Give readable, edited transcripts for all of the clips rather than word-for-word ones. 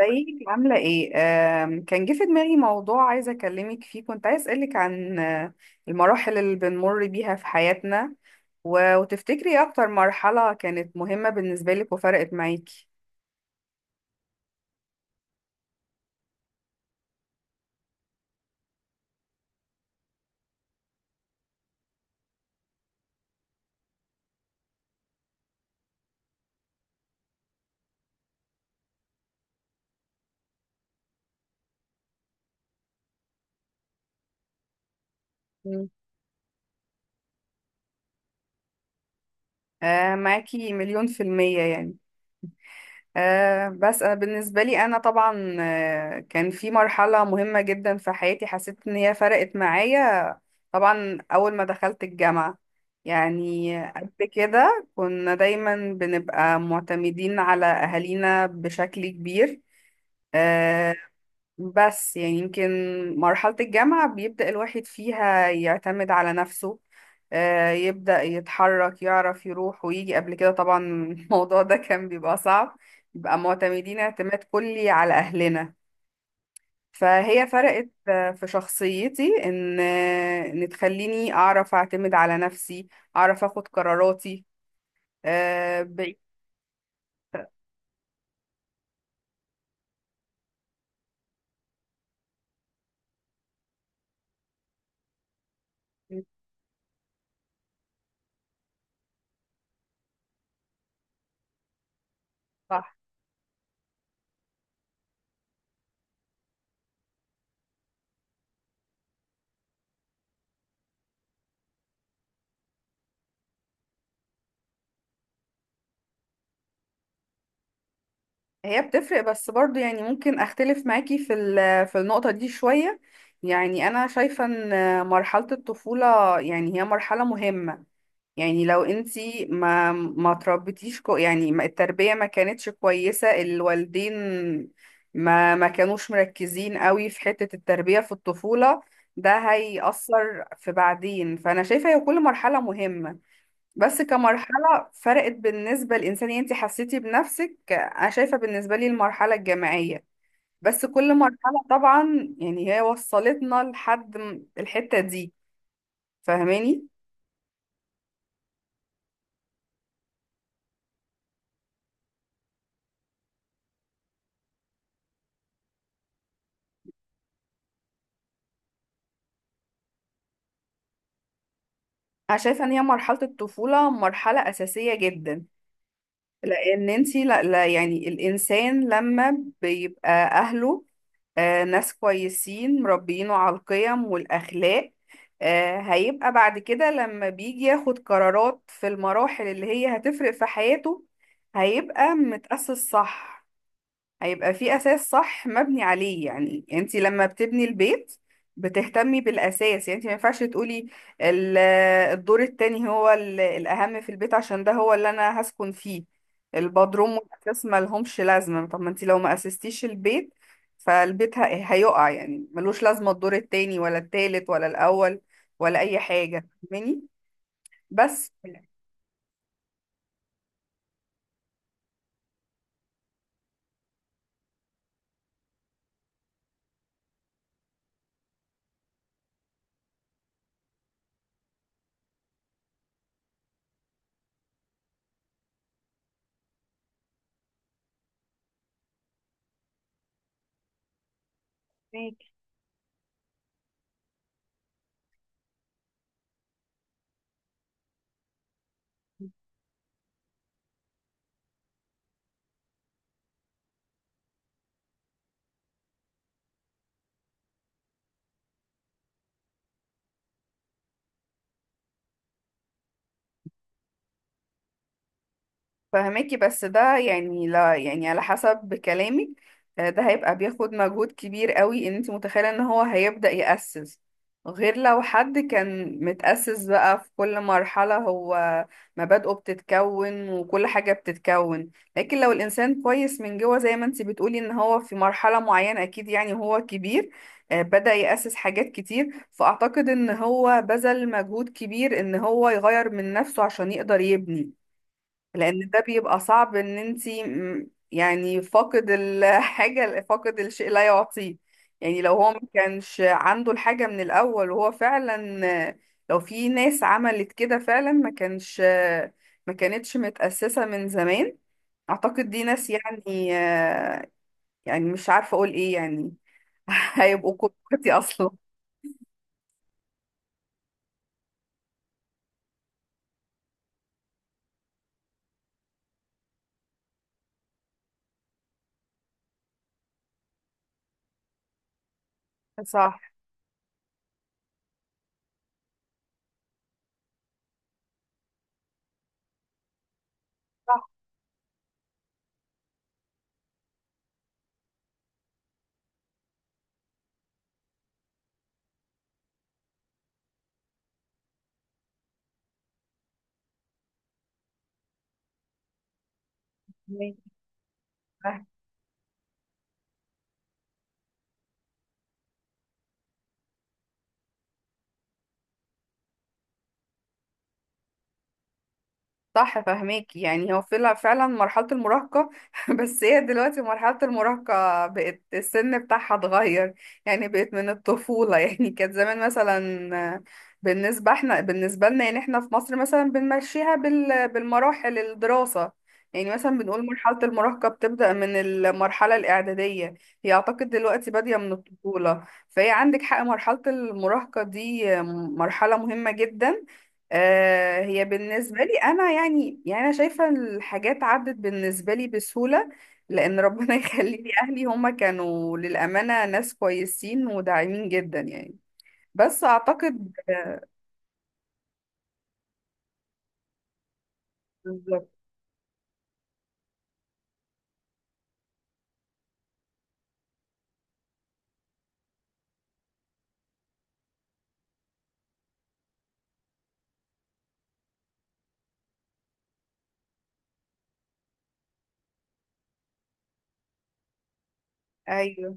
ازيك عاملة ايه؟ كان جه في دماغي موضوع عايزة اكلمك فيه. كنت عايز اسألك عن المراحل اللي بنمر بيها في حياتنا، وتفتكري ايه اكتر مرحلة كانت مهمة بالنسبة لك وفرقت معاكي؟ مم. معاكي مليون في المية يعني. بس أنا بالنسبة لي أنا طبعا، كان في مرحلة مهمة جدا في حياتي، حسيت إن هي فرقت معايا. طبعا أول ما دخلت الجامعة، يعني قبل كده كنا دايما بنبقى معتمدين على أهالينا بشكل كبير. آه، بس يعني يمكن مرحلة الجامعة بيبدأ الواحد فيها يعتمد على نفسه، يبدأ يتحرك، يعرف يروح ويجي. قبل كده طبعا الموضوع ده كان بيبقى صعب، بيبقى معتمدين اعتماد كلي على أهلنا. فهي فرقت في شخصيتي، ان تخليني اعرف اعتمد على نفسي، اعرف اخد قراراتي بعيد. صح. هي بتفرق، بس برضو يعني ممكن اختلف معاكي في في النقطة دي شوية. يعني انا شايفة ان مرحلة الطفولة، يعني هي مرحلة مهمة. يعني لو انتي ما تربيتيش كو، يعني ما التربية ما كانتش كويسة الوالدين، ما كانوش مركزين قوي في حتة التربية في الطفولة، ده هيأثر في بعدين. فأنا شايفة هي كل مرحلة مهمة، بس كمرحلة فرقت بالنسبة للإنسان، يعني انتي حسيتي بنفسك. أنا شايفة بالنسبة لي المرحلة الجامعية، بس كل مرحلة طبعا يعني هي وصلتنا لحد الحتة دي. فاهماني؟ انا شايفه ان هي مرحله الطفوله مرحله اساسيه جدا، لان انتي لا، يعني الانسان لما بيبقى اهله ناس كويسين مربيينه على القيم والاخلاق، هيبقى بعد كده لما بيجي ياخد قرارات في المراحل اللي هي هتفرق في حياته، هيبقى متأسس، صح؟ هيبقى في اساس صح مبني عليه. يعني انت لما بتبني البيت بتهتمي بالاساس. يعني انت ما ينفعش تقولي ال- الدور التاني هو الاهم في البيت عشان ده هو اللي انا هسكن فيه، البدروم والاساس ما لهمش لازمه. طب ما انت لو ما اسستيش البيت فالبيت هيقع، يعني ملوش لازمه الدور التاني ولا التالت ولا الاول ولا اي حاجه. فاهماني؟ بس فهماكي. فهماكي، بس ده يعني لا، يعني على حسب كلامك ده هيبقى بياخد مجهود كبير قوي، ان انت متخيلة ان هو هيبدأ يأسس غير لو حد كان متأسس بقى في كل مرحلة. هو مبادئه بتتكون وكل حاجة بتتكون. لكن لو الإنسان كويس من جوه زي ما انت بتقولي ان هو في مرحلة معينة أكيد يعني هو كبير، بدأ يأسس حاجات كتير. فأعتقد ان هو بذل مجهود كبير ان هو يغير من نفسه عشان يقدر يبني، لان ده بيبقى صعب. ان انتي يعني فاقد الحاجة، فاقد الشيء لا يعطيه. يعني لو هو ما كانش عنده الحاجة من الاول وهو فعلا، لو في ناس عملت كده فعلا ما كانش، ما كانتش متأسسة من زمان، اعتقد دي ناس يعني، يعني مش عارفة اقول ايه يعني. هيبقوا كوكتي اصلا. صح، صح، صح، فهماك. يعني هو فعلا فعلا مرحلة المراهقة. بس هي دلوقتي مرحلة المراهقة بقت السن بتاعها اتغير، يعني بقت من الطفولة. يعني كانت زمان مثلا بالنسبة لنا، يعني احنا في مصر مثلا بنمشيها بال بالمراحل الدراسة. يعني مثلا بنقول مرحلة المراهقة بتبدأ من المرحلة الإعدادية. هي أعتقد دلوقتي بادية من الطفولة. فهي عندك حق، مرحلة المراهقة دي مرحلة مهمة جدا. هي بالنسبة لي أنا يعني أنا شايفة الحاجات عدت بالنسبة لي بسهولة. لأن ربنا يخلي لي أهلي، هما كانوا للأمانة ناس كويسين وداعمين جدا يعني. بس أعتقد. بالظبط. أيوه.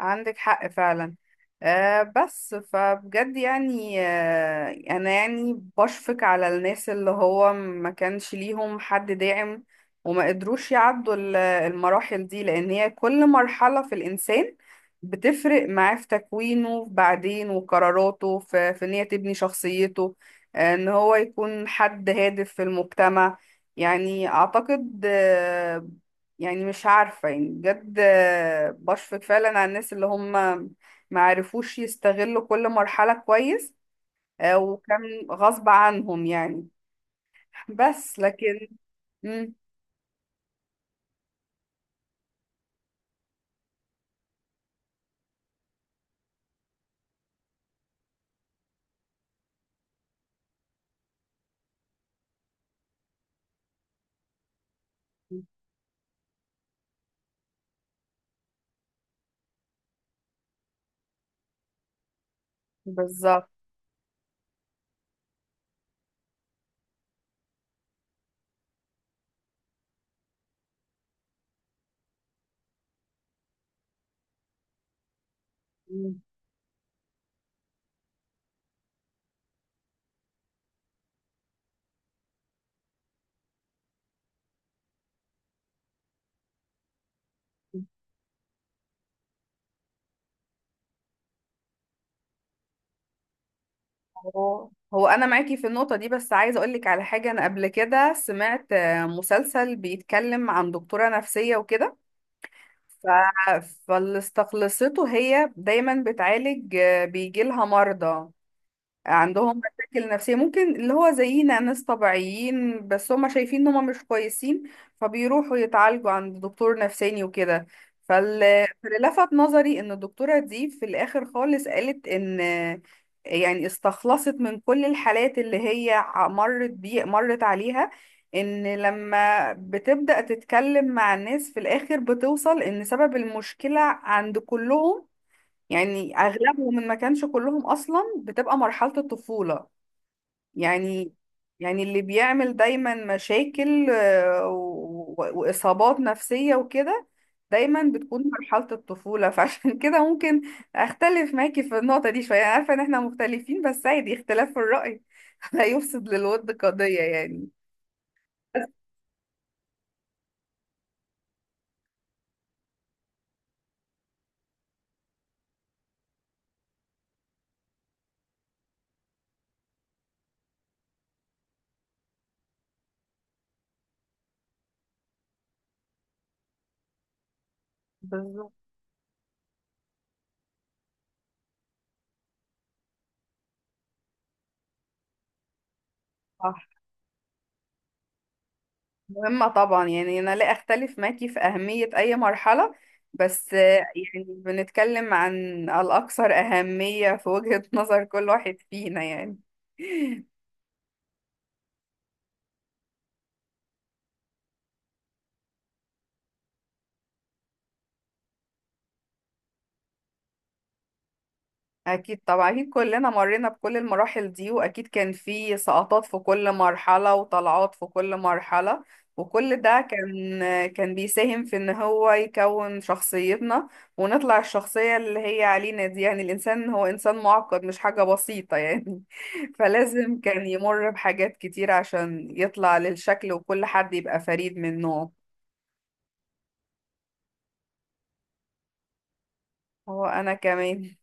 عندك حق فعلا. بس فبجد يعني، انا يعني بشفق على الناس اللي هو ما كانش ليهم حد داعم، وما قدروش يعدوا المراحل دي. لان هي كل مرحلة في الانسان بتفرق معاه في تكوينه بعدين وقراراته، في ان هي تبني شخصيته، ان هو يكون حد هادف في المجتمع يعني. اعتقد يعني مش عارفة، يعني بجد بشفق فعلا على الناس اللي هم ما عرفوش يستغلوا كل مرحلة كويس، وكان غصب عنهم يعني. بس لكن. مم. بالظبط. مم. هو انا معاكي في النقطه دي. بس عايزه اقول لك على حاجه، انا قبل كده سمعت مسلسل بيتكلم عن دكتوره نفسيه وكده. ف... فاللي استخلصته هي دايما بتعالج، بيجي لها مرضى عندهم مشاكل نفسية، ممكن اللي هو زينا ناس طبيعيين بس هم شايفين ان هم مش كويسين. فبيروحوا يتعالجوا عند دكتور نفساني وكده. فاللي لفت نظري ان الدكتورة دي في الاخر خالص قالت ان، يعني استخلصت من كل الحالات اللي هي مرت بي، مرت عليها، ان لما بتبدأ تتكلم مع الناس في الاخر بتوصل ان سبب المشكلة عند كلهم، يعني اغلبهم، ان ما كانش كلهم اصلا بتبقى مرحلة الطفولة. يعني يعني اللي بيعمل دايما مشاكل واصابات نفسية وكده دايما بتكون مرحلة الطفولة. فعشان كده ممكن اختلف معاكي في النقطة دي شوية. أنا عارفة ان احنا مختلفين بس عادي، اختلاف في الرأي لا يفسد للود قضية يعني. بس. بالظبط. صح. مهمة طبعا يعني، أنا لا أختلف معاكي في أهمية أي مرحلة، بس يعني بنتكلم عن الأكثر أهمية في وجهة نظر كل واحد فينا يعني. أكيد طبعا، أكيد كلنا مرينا بكل المراحل دي، وأكيد كان في سقطات في كل مرحلة وطلعات في كل مرحلة، وكل ده كان بيساهم في إن هو يكون شخصيتنا ونطلع الشخصية اللي هي علينا دي. يعني الإنسان هو إنسان معقد، مش حاجة بسيطة يعني. فلازم كان يمر بحاجات كتير عشان يطلع للشكل وكل حد يبقى فريد من نوعه. هو أنا كمان